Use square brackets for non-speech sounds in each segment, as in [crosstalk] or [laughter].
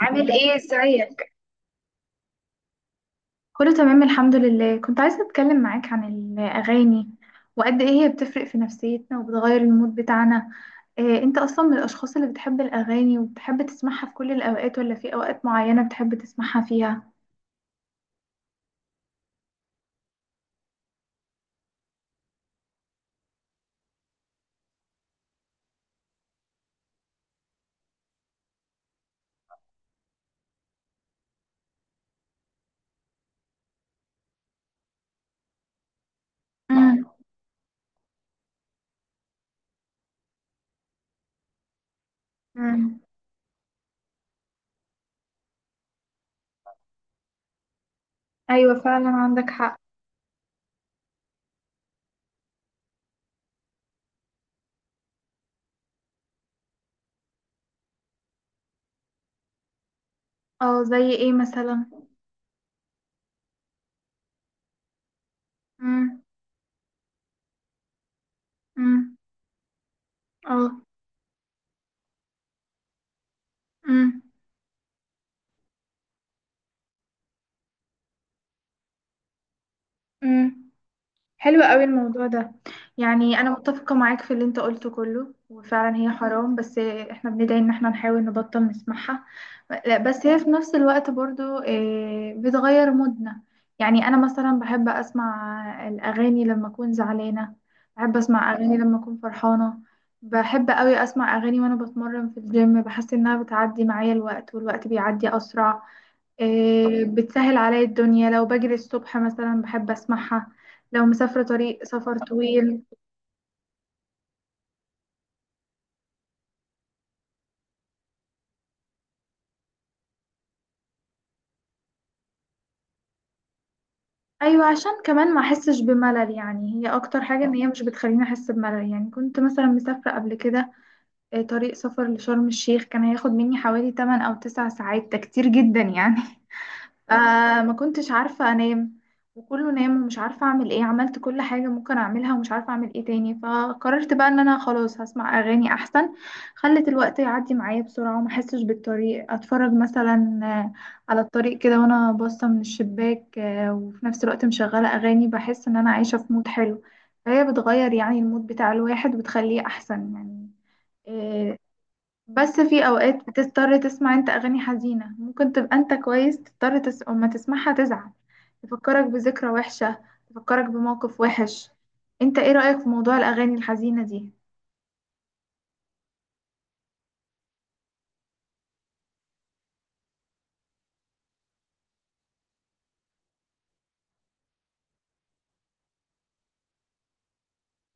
عامل ايه؟ ازيك؟ كله تمام الحمد لله. كنت عايزة أتكلم معاك عن الأغاني وقد إيه هي بتفرق في نفسيتنا وبتغير المود بتاعنا. إيه، أنت أصلا من الأشخاص اللي بتحب الأغاني وبتحب تسمعها في كل الأوقات ولا في أوقات معينة بتحب تسمعها فيها؟ مم. مم. ايوه فعلا عندك حق. اه، زي إيه مثلا؟ مم. مم. اه. مم. مم. حلو قوي الموضوع ده. يعني انا متفقة معاك في اللي انت قلته كله وفعلا هي حرام، بس احنا بندعي ان احنا نحاول نبطل نسمعها. لا بس هي في نفس الوقت برضو بتغير مودنا. يعني انا مثلا بحب اسمع الاغاني لما اكون زعلانة. بحب اسمع اغاني لما اكون فرحانة. بحب قوي اسمع اغاني وانا بتمرن في الجيم، بحس انها بتعدي معايا الوقت والوقت بيعدي اسرع. بتسهل عليا الدنيا. لو بجري الصبح مثلا بحب اسمعها. لو مسافرة طريق سفر طويل. ايوه، عشان كمان ما احسش بملل. يعني هي اكتر حاجة ان هي مش بتخليني احس بملل. يعني كنت مثلا مسافرة قبل كده، طريق سفر لشرم الشيخ. كان هياخد مني حوالي 8 او 9 ساعات، ده كتير جدا يعني. [laughs] ما كنتش عارفة انام. وكله نام ومش عارفة اعمل ايه. عملت كل حاجة ممكن اعملها ومش عارفة اعمل ايه تاني، فقررت بقى ان انا خلاص هسمع اغاني احسن. خلت الوقت يعدي معايا بسرعة وما احسش بالطريق. اتفرج مثلا على الطريق كده وانا باصة من الشباك، وفي نفس الوقت مشغلة اغاني. بحس ان انا عايشة في مود حلو. فهي بتغير يعني المود بتاع الواحد وبتخليه احسن يعني. آه، بس في اوقات بتضطر تسمع انت اغاني حزينة. ممكن تبقى انت كويس، تضطر اما تسمعها تزعل. تفكرك بذكرى وحشة. تفكرك بموقف وحش. انت ايه رأيك في موضوع الاغاني الحزينة دي؟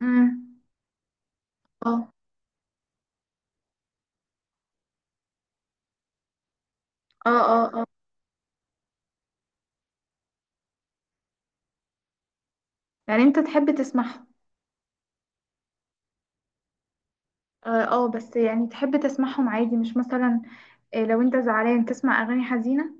امم. اه، اه، اه. اه، يعني انت تحب تسمعهم. اه، بس يعني تحب تسمعهم عادي مش مثلا. إيه، لو انت زعلان تسمع اغاني حزينة.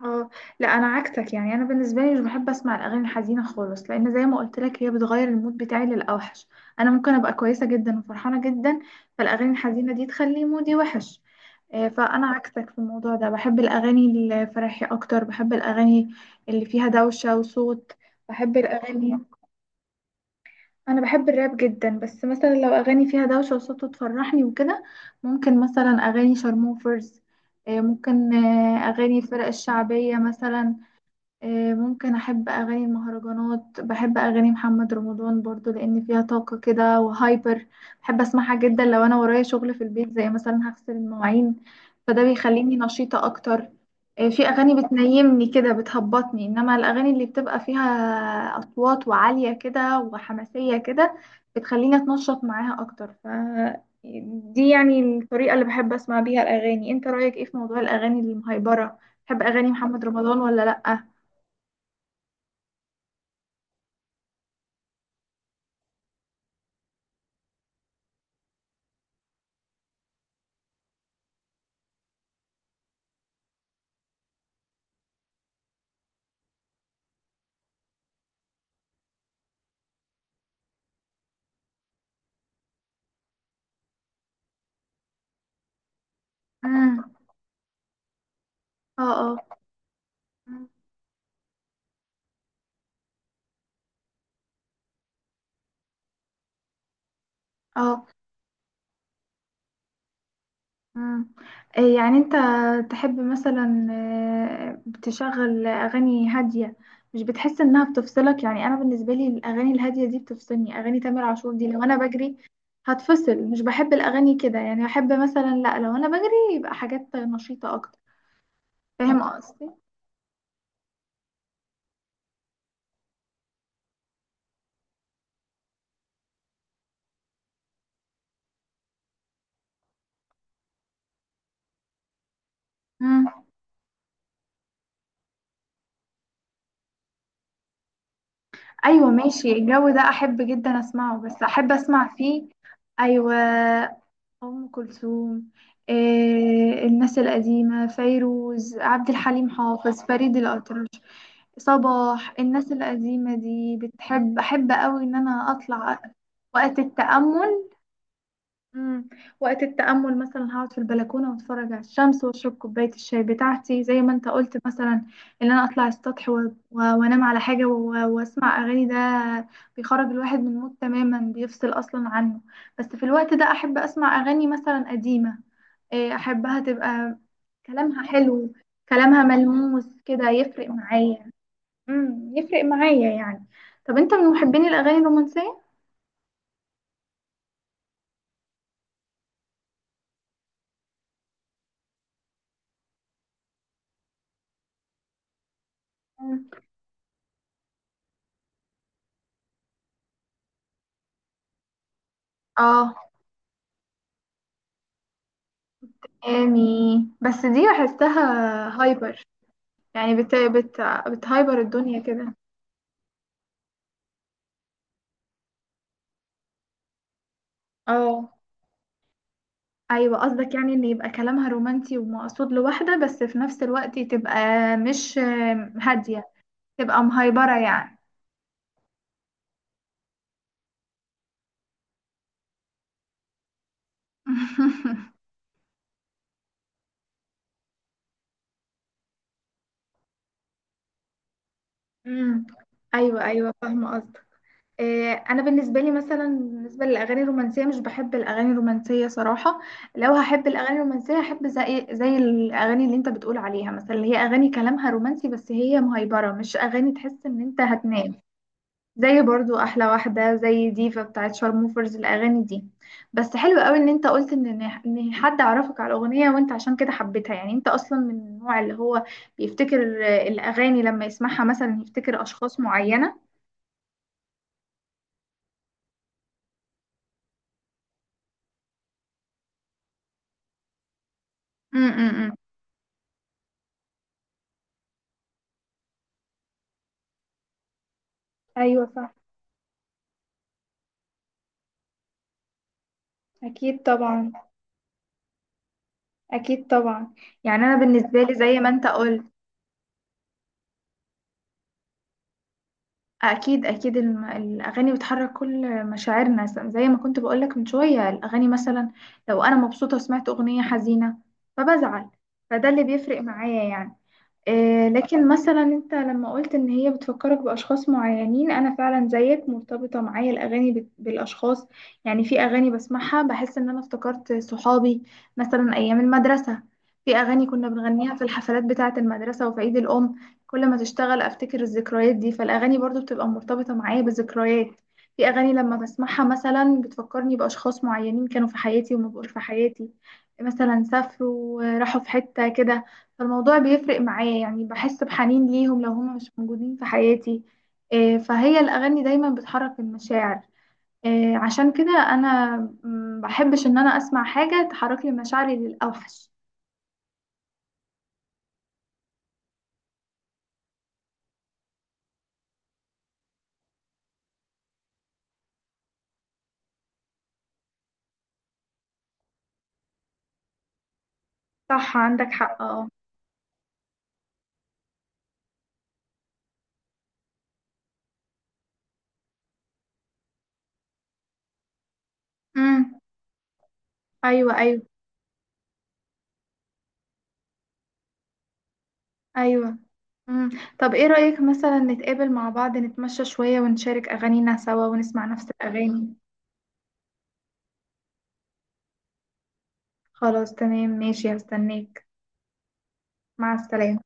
اه. لا، انا عكسك. يعني انا بالنسبه لي مش بحب اسمع الاغاني الحزينه خالص، لان زي ما قلت لك هي بتغير المود بتاعي للاوحش. انا ممكن ابقى كويسه جدا وفرحانه جدا، فالاغاني الحزينه دي تخلي مودي وحش. فانا عكسك في الموضوع ده. بحب الاغاني الفرايحي اكتر. بحب الاغاني اللي فيها دوشه وصوت. بحب الاغاني. انا بحب الراب جدا بس مثلا لو اغاني فيها دوشه وصوت تفرحني وكده. ممكن مثلا اغاني شارموفرز. ممكن اغاني الفرق الشعبيه مثلا. ممكن احب اغاني المهرجانات. بحب اغاني محمد رمضان برضو لان فيها طاقة كده وهايبر. بحب اسمعها جدا لو انا ورايا شغل في البيت زي مثلا هغسل المواعين، فده بيخليني نشيطة اكتر. في اغاني بتنيمني كده، بتهبطني، انما الاغاني اللي بتبقى فيها اصوات وعالية كده وحماسية كده بتخليني اتنشط معاها اكتر. ف دي يعني الطريقة اللي بحب اسمع بيها الاغاني. انت رايك ايه في موضوع الاغاني المهيبرة؟ بتحب اغاني محمد رمضان ولا لأ؟ امم. اه، اه. مم. اه. امم. إيه يعني انت تحب مثلا تشغل اغاني هاديه؟ مش بتحس انها بتفصلك؟ يعني انا بالنسبه لي الاغاني الهاديه دي بتفصلني. اغاني تامر عاشور دي لو انا بجري هتفصل. مش بحب الاغاني كده يعني. احب مثلا، لا، لو انا بجري يبقى حاجات نشيطه اكتر. فاهم قصدي. امم. ايوه ماشي، الجو ده احب جدا اسمعه. بس احب اسمع فيه. ايوه، أم كلثوم. الناس القديمة، فيروز، عبد الحليم حافظ، فريد الأطرش، صباح. الناس القديمة دي بتحب. أحب أوي إن أنا أطلع وقت التأمل. مم. وقت التأمل مثلا هقعد في البلكونة واتفرج على الشمس واشرب كوباية الشاي بتاعتي، زي ما انت قلت مثلا. ان انا اطلع السطح وانام على حاجة واسمع اغاني. ده بيخرج الواحد من المود تماما، بيفصل اصلا عنه. بس في الوقت ده احب اسمع اغاني مثلا قديمة. إيه، احبها تبقى كلامها حلو. كلامها ملموس كده، يفرق معايا. امم، يفرق معايا يعني. طب انت من محبين الاغاني الرومانسية؟ مم. اه، يعني بس دي بحسها هايبر. يعني بت بت بتهايبر الدنيا كده. اه، ايوه قصدك يعني ان يبقى كلامها رومانسي ومقصود لواحده، بس في نفس الوقت تبقى مش هاديه، تبقى مهايبره يعني. [laughs] امم. ايوه ايوه، فاهمه قصدك. انا بالنسبه لي مثلا، بالنسبه للاغاني الرومانسيه مش بحب الاغاني الرومانسيه صراحه. لو هحب الاغاني الرومانسيه هحب زي الاغاني اللي انت بتقول عليها مثلا، اللي هي اغاني كلامها رومانسي بس هي مهيبره، مش اغاني تحس ان انت هتنام. زي برضو احلى واحده، زي ديفا بتاعت شارموفرز، الاغاني دي. بس حلو قوي ان انت قلت ان ان إن حد عرفك على الاغنيه وانت عشان كده حبيتها. يعني انت اصلا من النوع اللي هو بيفتكر الاغاني لما يسمعها مثلا يفتكر اشخاص معينه. امم. ايوه صح. أكيد طبعا. أكيد طبعا. يعني أنا بالنسبة لي زي ما أنت قلت، أكيد أكيد الأغاني بتحرك كل مشاعرنا. زي ما كنت بقولك من شوية، الأغاني مثلا لو أنا مبسوطة وسمعت أغنية حزينة فبزعل، فده اللي بيفرق معايا يعني. لكن مثلا انت لما قلت ان هي بتفكرك باشخاص معينين، انا فعلا زيك مرتبطه معايا الاغاني بالاشخاص. يعني في اغاني بسمعها بحس ان انا افتكرت صحابي مثلا ايام المدرسه. في اغاني كنا بنغنيها في الحفلات بتاعه المدرسه وفي عيد الام، كل ما تشتغل افتكر الذكريات دي. فالاغاني برضو بتبقى مرتبطه معايا بذكريات. في اغاني لما بسمعها مثلا بتفكرني باشخاص معينين كانوا في حياتي وما بقوش في حياتي، مثلا سافروا راحوا في حته كده. فالموضوع بيفرق معايا يعني، بحس بحنين ليهم لو هم مش موجودين في حياتي. فهي الأغاني دايما بتحرك المشاعر. عشان كده أنا بحبش إن أنا أسمع حاجة تحرك لي مشاعري للأوحش. صح عندك حق. اه. امم. أيوه أيوه. أيوه. امم. طب إيه رأيك مثلا نتقابل مع بعض، نتمشى شوية ونشارك أغانينا سوا ونسمع نفس الأغاني؟ خلاص تمام ماشي، هستناك. مع السلامة.